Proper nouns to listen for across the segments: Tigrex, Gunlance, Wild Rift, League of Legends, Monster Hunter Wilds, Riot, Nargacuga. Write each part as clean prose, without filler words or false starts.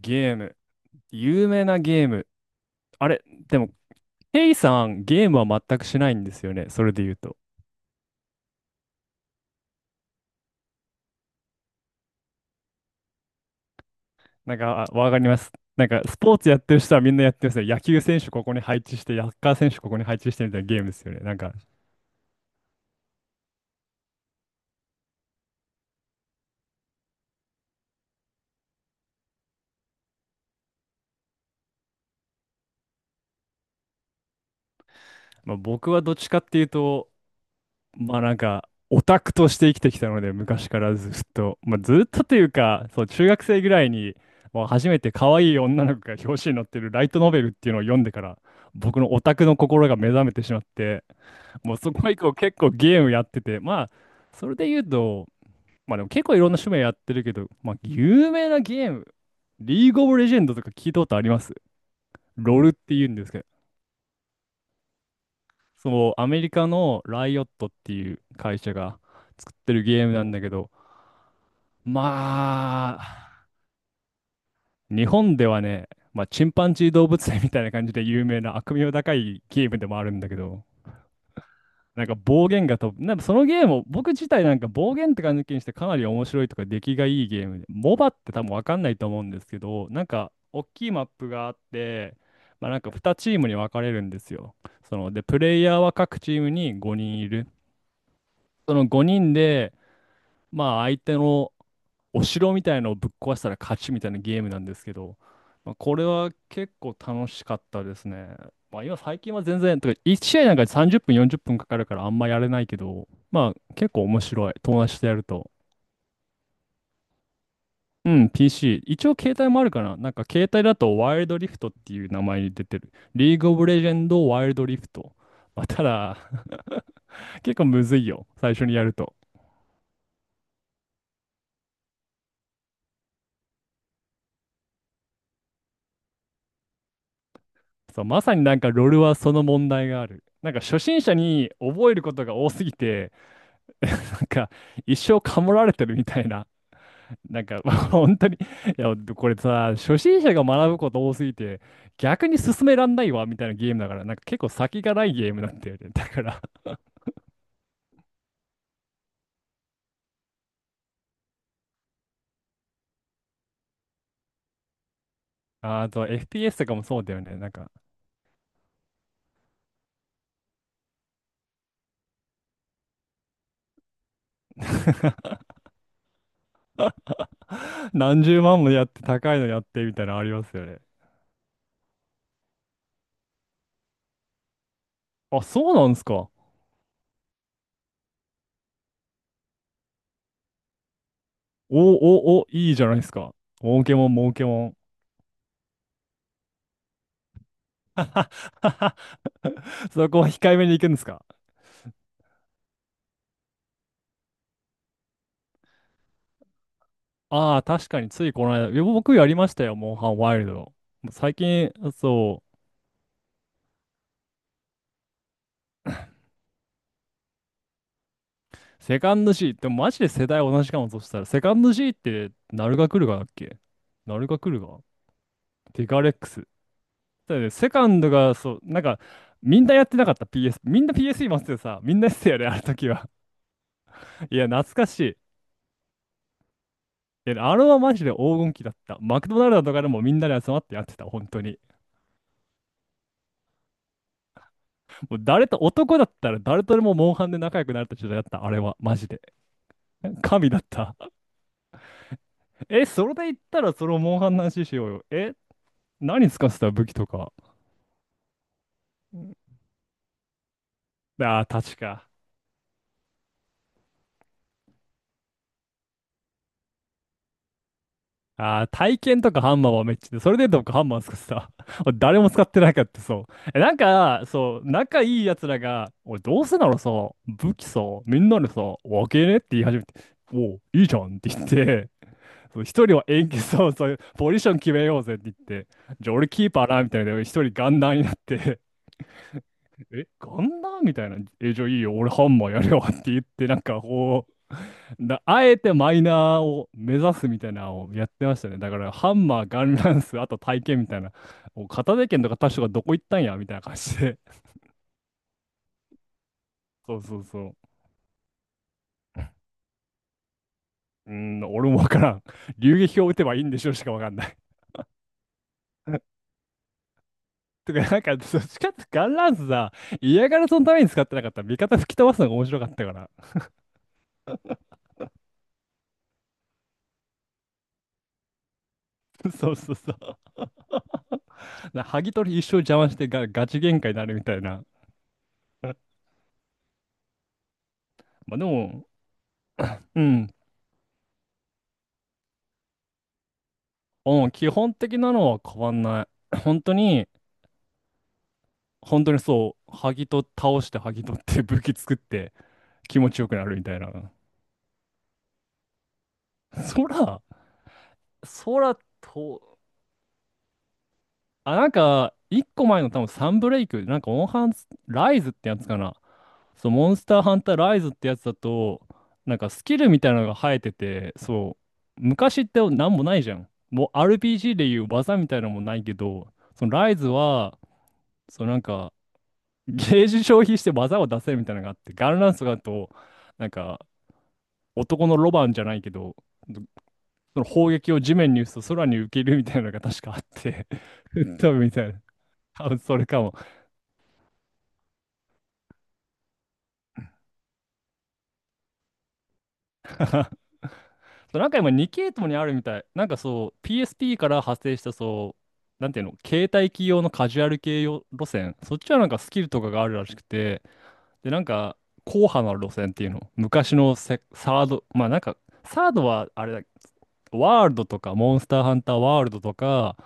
ゲーム。有名なゲーム。あれ、でも、ケイさん、ゲームは全くしないんですよね。それで言うと。あわかります。スポーツやってる人はみんなやってますね。野球選手ここに配置して、サッカー選手ここに配置してみたいなゲームですよね。僕はどっちかっていうと、オタクとして生きてきたので、昔からずっと、まあずっとというか、そう、中学生ぐらいに、もう初めて可愛い女の子が表紙に載ってるライトノベルっていうのを読んでから、僕のオタクの心が目覚めてしまって、もうそこ以降結構ゲームやってて、まあ、それで言うと、まあでも結構いろんな趣味やってるけど、まあ有名なゲーム、リーグオブレジェンドとか聞いたことありますロールって言うんですけど、そう、アメリカのライオットっていう会社が作ってるゲームなんだけど、まあ、日本ではね、まあ、チンパンジー動物園みたいな感じで有名な悪名高いゲームでもあるんだけど、なんか暴言が飛ぶ、なんかそのゲームを僕自体なんか暴言って感じにしてかなり面白いとか出来がいいゲームで、モバって多分わかんないと思うんですけど、なんか大きいマップがあって、まあ、なんか2チームに分かれるんですよ。その、で、プレイヤーは各チームに5人いる。その5人で、まあ相手のお城みたいのをぶっ壊したら勝ちみたいなゲームなんですけど、まあ、これは結構楽しかったですね。まあ今最近は全然、とか1試合なんか30分40分かかるからあんまやれないけど、まあ結構面白い。友達とやると。うん、PC。一応携帯もあるかな。なんか携帯だとワイルドリフトっていう名前に出てる。リーグオブレジェンドワイルドリフト。まあ、ただ 結構むずいよ。最初にやると。そう、まさになんかロールはその問題がある。なんか初心者に覚えることが多すぎて、なんか一生カモられてるみたいな。なんか 本当に、いや、これさ、初心者が学ぶこと多すぎて、逆に進めらんないわみたいなゲームだから、なんか結構先がないゲームなんだよね。だから、あ、あと FPS とかもそうだよね。なんか何十万もやって高いのやってみたいなのありますよね。あ、そうなんですか。おおお、いいじゃないですか。儲けもん、儲けもん。は。はは。そこは控えめに行くんですか？ああ、確かについこの間、いや僕やりましたよ、モンハンワイルド。最近、そう、セカンド C、でもマジで世代同じかも、そしたら、セカンド C って、ナルガクルガだっけ？ナルガクルガ、ティガレックス。だよね、セカンドが、そう、みんなやってなかった PS、みんな PS 持っててさ、みんなやってたよね、あの時は。いや、懐かしい。いや、あれはマジで黄金期だった。マクドナルドとかでもみんなで集まってやってた、本当に。もう誰と、男だったら誰とでもモンハンで仲良くなれた時代だった、あれは、マジで。神だった。え、それで言ったらそのモンハンの話しようよ。え、何使ってた武器とか。ああ、確か。ああ、体験とかハンマーはめっちゃで、それでどっかハンマー使ってた。俺誰も使ってなかった、そう。え、そう、仲いい奴らが、俺どうせならさ、武器さ、みんなでさ、分けねって言い始めて、おう、いいじゃんって言って、そう一人は円形そうそういうポジション決めようぜって言って、じゃあ俺キーパーなみたいな、一人ガンダーになって、え、ガンダーみたいな、え、じゃあいいよ、俺ハンマーやるよって言って、あえてマイナーを目指すみたいなのをやってましたね。だからハンマー、ガンランス、あと体験みたいな、もう片手剣とか他確がどこ行ったんやみたいな感じで、そうそうそう。うーん、俺もわからん。流撃を打てばいいんでしょうしかわかんない。とか、どっちかってガンランスさ、嫌がらせのために使ってなかったら、味方吹き飛ばすのが面白かったから。そうそうそう。な、剥ぎ取り一生邪魔してがガチ喧嘩になるみたいな。まあでも、うん。うん、基本的なのは変わんない。本当に、本当にそう、剥ぎと倒して剥ぎ取って武器作って気持ちよくなるみたいな。空、空と、あ、なんか、一個前の多分サンブレイク、なんか、オンハンス、ライズってやつかな。そう、モンスターハンターライズってやつだと、なんかスキルみたいなのが生えてて、そう、昔ってなんもないじゃん。もう RPG でいう技みたいなのもないけど、そのライズは、そうなんか、ゲージ消費して技を出せるみたいなのがあって、ガンランスとかだと、なんか、男のロバンじゃないけど、その砲撃を地面に打つと空に浮けるみたいなのが確かあって、吹っ飛ぶみたいな。多分それかも。そうなんか今2系統にあるみたい。なんかそう、PSP から派生したそう、なんていうの、携帯機用のカジュアル系用路線。そっちはなんかスキルとかがあるらしくて、で、なんか、硬派な路線っていうの。昔のセサード、まあなんか、サードはあれだ、ワールドとか、モンスターハンターワールドとか、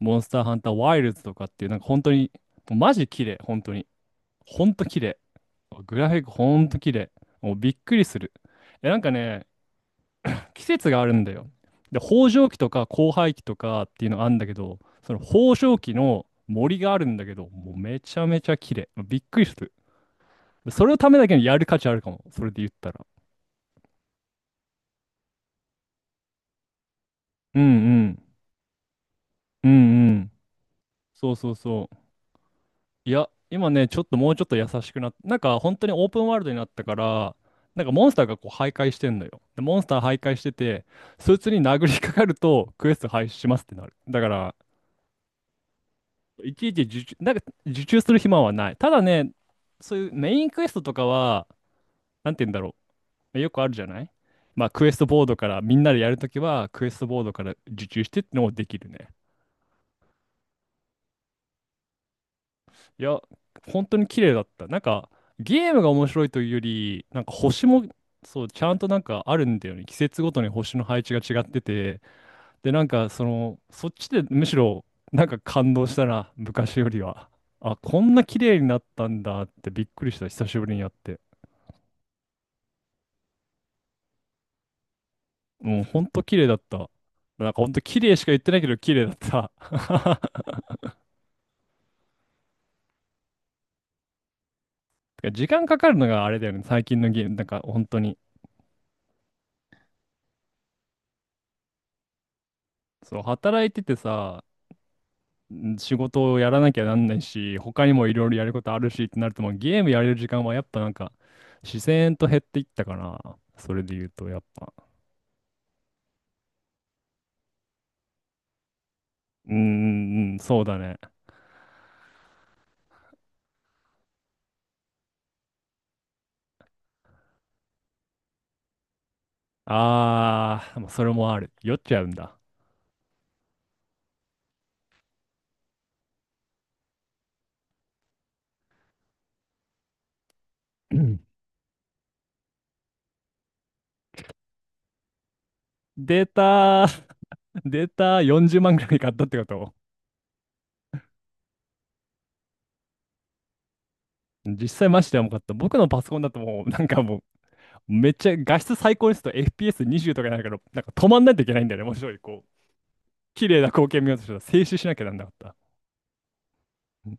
モンスターハンターワイルズとかっていう、なんか本当に、もうマジ綺麗、本当に。ほんと綺麗。グラフィックほんと綺麗。もうびっくりする。え、なんかね、季節があるんだよ。で、豊穣期とか交配期とかっていうのがあるんだけど、その豊穣期の森があるんだけど、もうめちゃめちゃ綺麗。びっくりする。それのためだけにやる価値あるかも。それで言ったら。うんうん。うんうん。そうそうそう。いや、今ね、ちょっともうちょっと優しくなってなんか本当にオープンワールドになったから、なんかモンスターがこう徘徊してんのよ。で、モンスター徘徊してて、そいつに殴りかかるとクエスト廃止しますってなる。だから、いちいち受注、なんか受注する暇はない。ただね、そういうメインクエストとかは、なんて言うんだろう。よくあるじゃない、まあクエストボードから、みんなでやるときはクエストボードから受注してってのもできるね。いや、本当に綺麗だった。なんかゲームが面白いというより、なんか星も、そう、ちゃんとなんかあるんだよね。季節ごとに星の配置が違ってて、で、その、そっちでむしろ、なんか感動したな、昔よりは。あ、こんな綺麗になったんだってびっくりした、久しぶりにやって。もうほんと綺麗だった。なんかほんと綺麗しか言ってないけど綺麗だった。てか時間かかるのがあれだよね、最近のゲーム、なんか本当に。そう、働いててさ、ん仕事をやらなきゃなんないし、他にもいろいろやることあるしってなると、もうゲームやれる時間はやっぱなんか、自然と減っていったかな。それで言うと、やっぱ。うーん、そうだね。ああ、もうそれもある。酔っちゃうんだ。うん。データ、データ40万ぐらい買ったってこと？実際マジで重かった。僕のパソコンだともう、めっちゃ画質最高にすると FPS20 とかになるけど、なんか止まんないといけないんだよね。もういこう、綺麗な光景見ようとしたら静止しなきゃなんなかった。うん。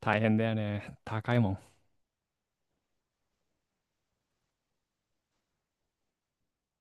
大変だよね。高いもん。